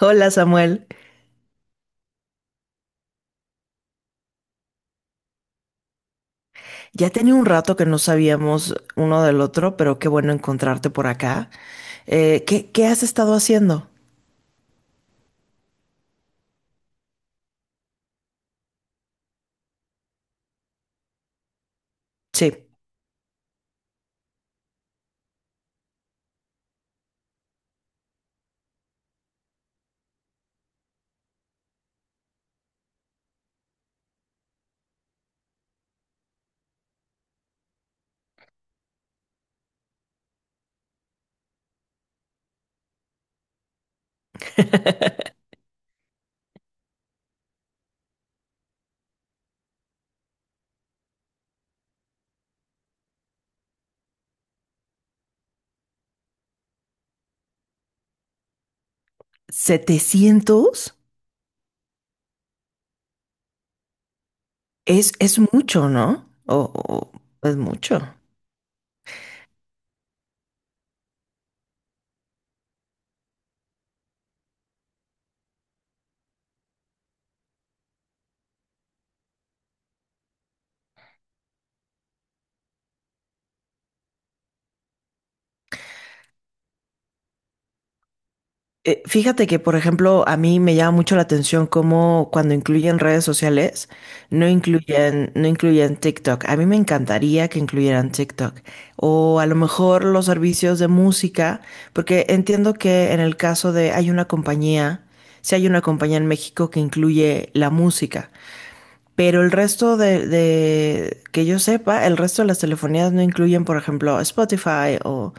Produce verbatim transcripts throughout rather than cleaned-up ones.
Hola Samuel, ya tenía un rato que no sabíamos uno del otro, pero qué bueno encontrarte por acá. Eh, ¿qué, qué has estado haciendo? Sí, setecientos es, es mucho, ¿no? O, o- es mucho. Eh, fíjate que, por ejemplo, a mí me llama mucho la atención cómo cuando incluyen redes sociales, no incluyen, no incluyen TikTok. A mí me encantaría que incluyeran TikTok. O a lo mejor los servicios de música, porque entiendo que en el caso de hay una compañía, si hay una compañía en México que incluye la música. Pero el resto de, de- que yo sepa, el resto de las telefonías no incluyen, por ejemplo, Spotify o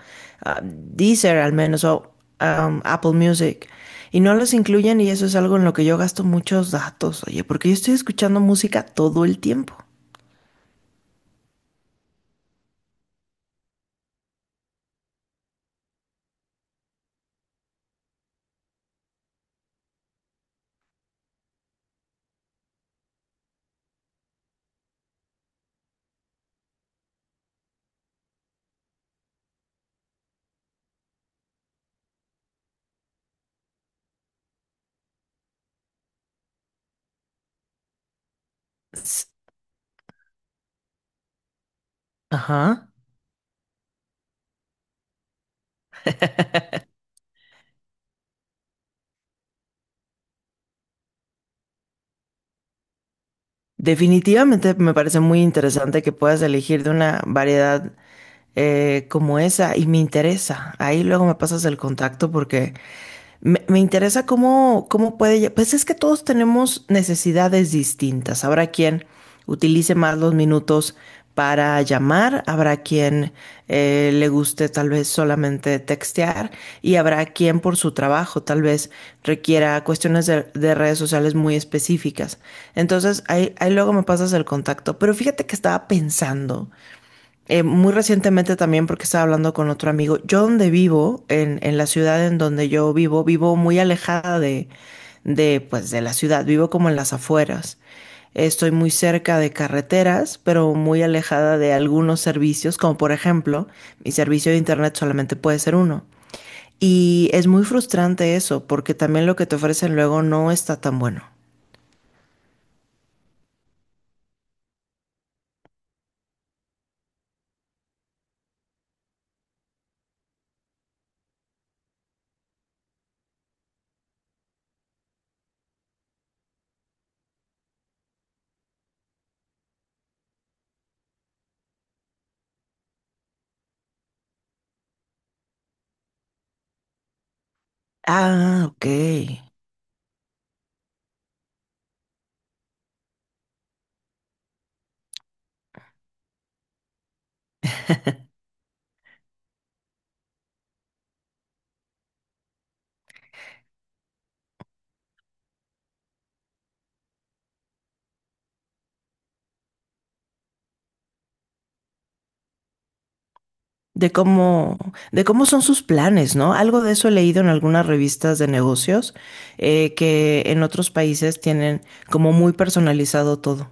ah, Deezer al menos o um, Apple Music. Y no los incluyen y eso es algo en lo que yo gasto muchos datos, oye, porque yo estoy escuchando música todo el tiempo. S- Ajá. Definitivamente me parece muy interesante que puedas elegir de una variedad eh, como esa y me interesa. Ahí luego me pasas el contacto porque Me, me interesa cómo, cómo puede... lle- Pues es que todos tenemos necesidades distintas. Habrá quien utilice más los minutos para llamar, habrá quien eh, le guste tal vez solamente textear y habrá quien por su trabajo tal vez requiera cuestiones de, de redes sociales muy específicas. Entonces ahí, ahí luego me pasas el contacto. Pero fíjate que estaba pensando eh, muy recientemente también, porque estaba hablando con otro amigo, yo donde vivo, en, en la ciudad en donde yo vivo, vivo muy alejada de, de, pues, de la ciudad, vivo como en las afueras. Estoy muy cerca de carreteras, pero muy alejada de algunos servicios, como por ejemplo, mi servicio de internet solamente puede ser uno. Y es muy frustrante eso, porque también lo que te ofrecen luego no está tan bueno. Ah, ok. de cómo, de cómo son sus planes, ¿no? Algo de eso he leído en algunas revistas de negocios, eh, que en otros países tienen como muy personalizado todo.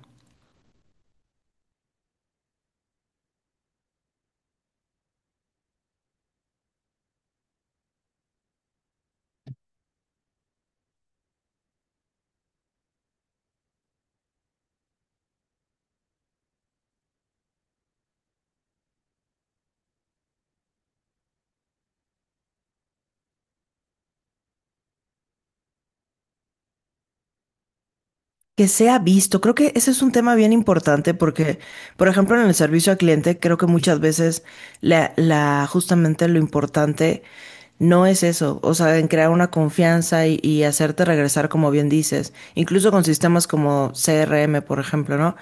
Que sea visto, creo que ese es un tema bien importante porque, por ejemplo, en el servicio al cliente, creo que muchas veces la, la, justamente lo importante no es eso, o sea, en crear una confianza y, y hacerte regresar, como bien dices, incluso con sistemas como C R M, por ejemplo, ¿no?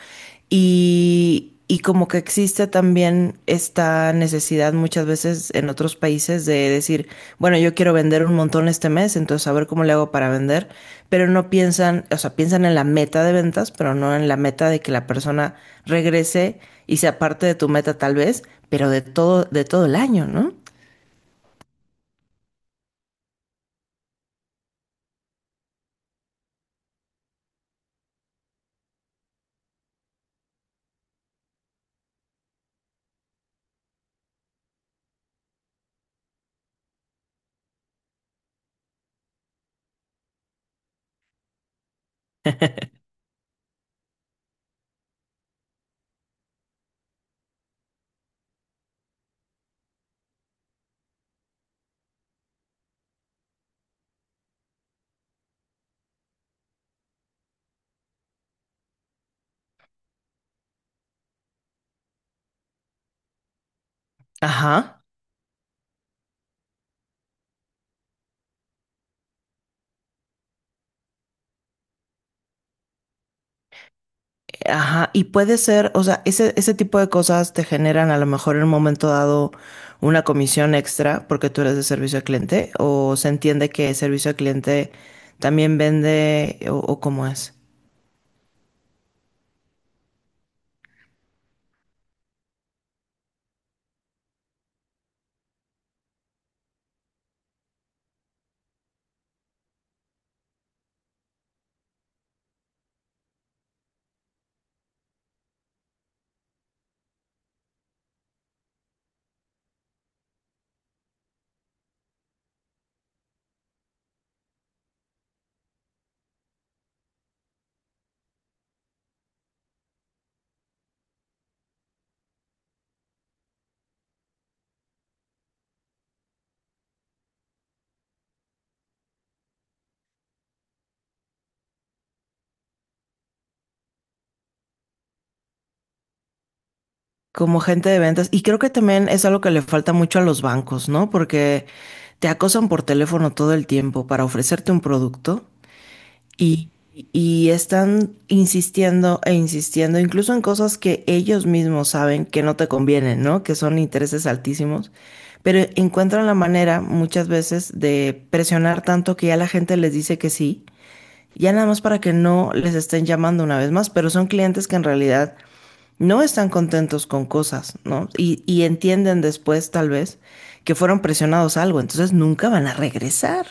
Y, Y como que existe también esta necesidad muchas veces en otros países de decir, bueno, yo quiero vender un montón este mes, entonces a ver cómo le hago para vender, pero no piensan, o sea, piensan en la meta de ventas, pero no en la meta de que la persona regrese y sea parte de tu meta tal vez, pero de todo, de todo el año, ¿no? Ajá. Ajá, y puede ser, o sea, ese, ese tipo de cosas te generan a lo mejor en un momento dado una comisión extra porque tú eres de servicio al cliente, o se entiende que servicio al cliente también vende, o, o cómo es, como gente de ventas. Y creo que también es algo que le falta mucho a los bancos, ¿no? Porque te acosan por teléfono todo el tiempo para ofrecerte un producto. Y, y están insistiendo e insistiendo, incluso en cosas que ellos mismos saben que no te convienen, ¿no? Que son intereses altísimos, pero encuentran la manera muchas veces de presionar tanto que ya la gente les dice que sí, ya nada más para que no les estén llamando una vez más, pero son clientes que en realidad no están contentos con cosas, ¿no? Y, y entienden después, tal vez, que fueron presionados a algo, entonces nunca van a regresar.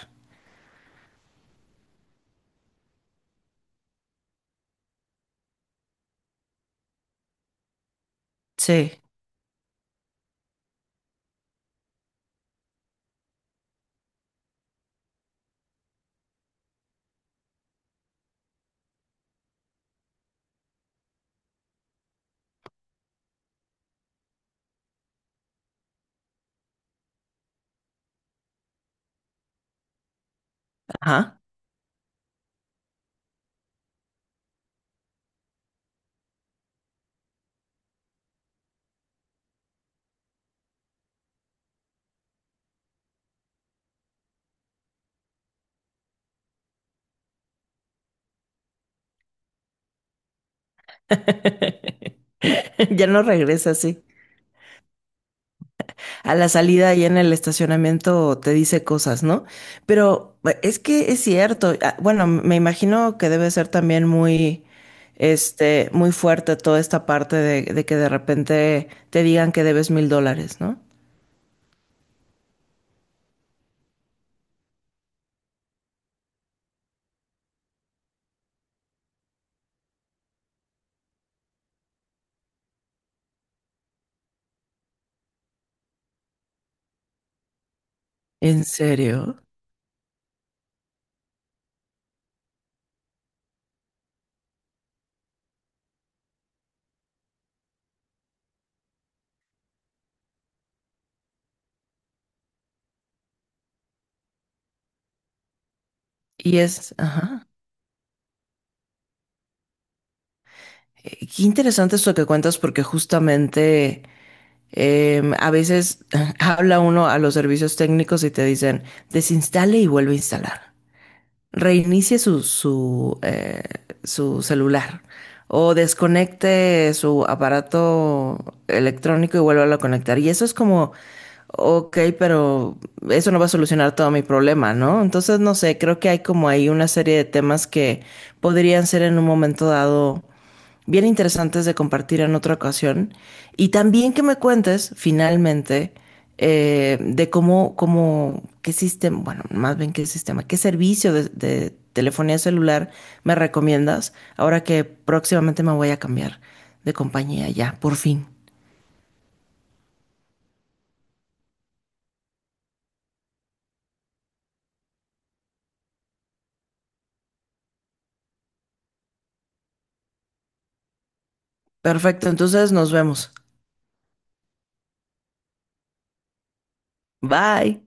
Sí, ajá. Ya no regresa, así. A la salida y en el estacionamiento te dice cosas, ¿no? Pero eh, es que es cierto. Ah, bueno, m- me imagino que debe ser también muy, este, muy fuerte toda esta parte de, de que de repente te digan que debes mil dólares, ¿no? ¿En serio? Y es, ajá. Eh, qué interesante esto que cuentas porque justamente Eh, a veces habla uno a los servicios técnicos y te dicen, desinstale y vuelve a instalar. Reinicie su, su, eh, su celular o desconecte su aparato electrónico y vuelva a conectar. Y eso es como, ok, pero eso no va a solucionar todo mi problema, ¿no? Entonces, no sé, creo que hay como ahí una serie de temas que podrían ser en un momento dado bien interesantes de compartir en otra ocasión. Y también que me cuentes, finalmente, eh, de cómo, cómo, qué sistema, bueno, más bien qué sistema, qué servicio de, de telefonía celular me recomiendas ahora que próximamente me voy a cambiar de compañía ya, por fin. Perfecto, entonces nos vemos. Bye.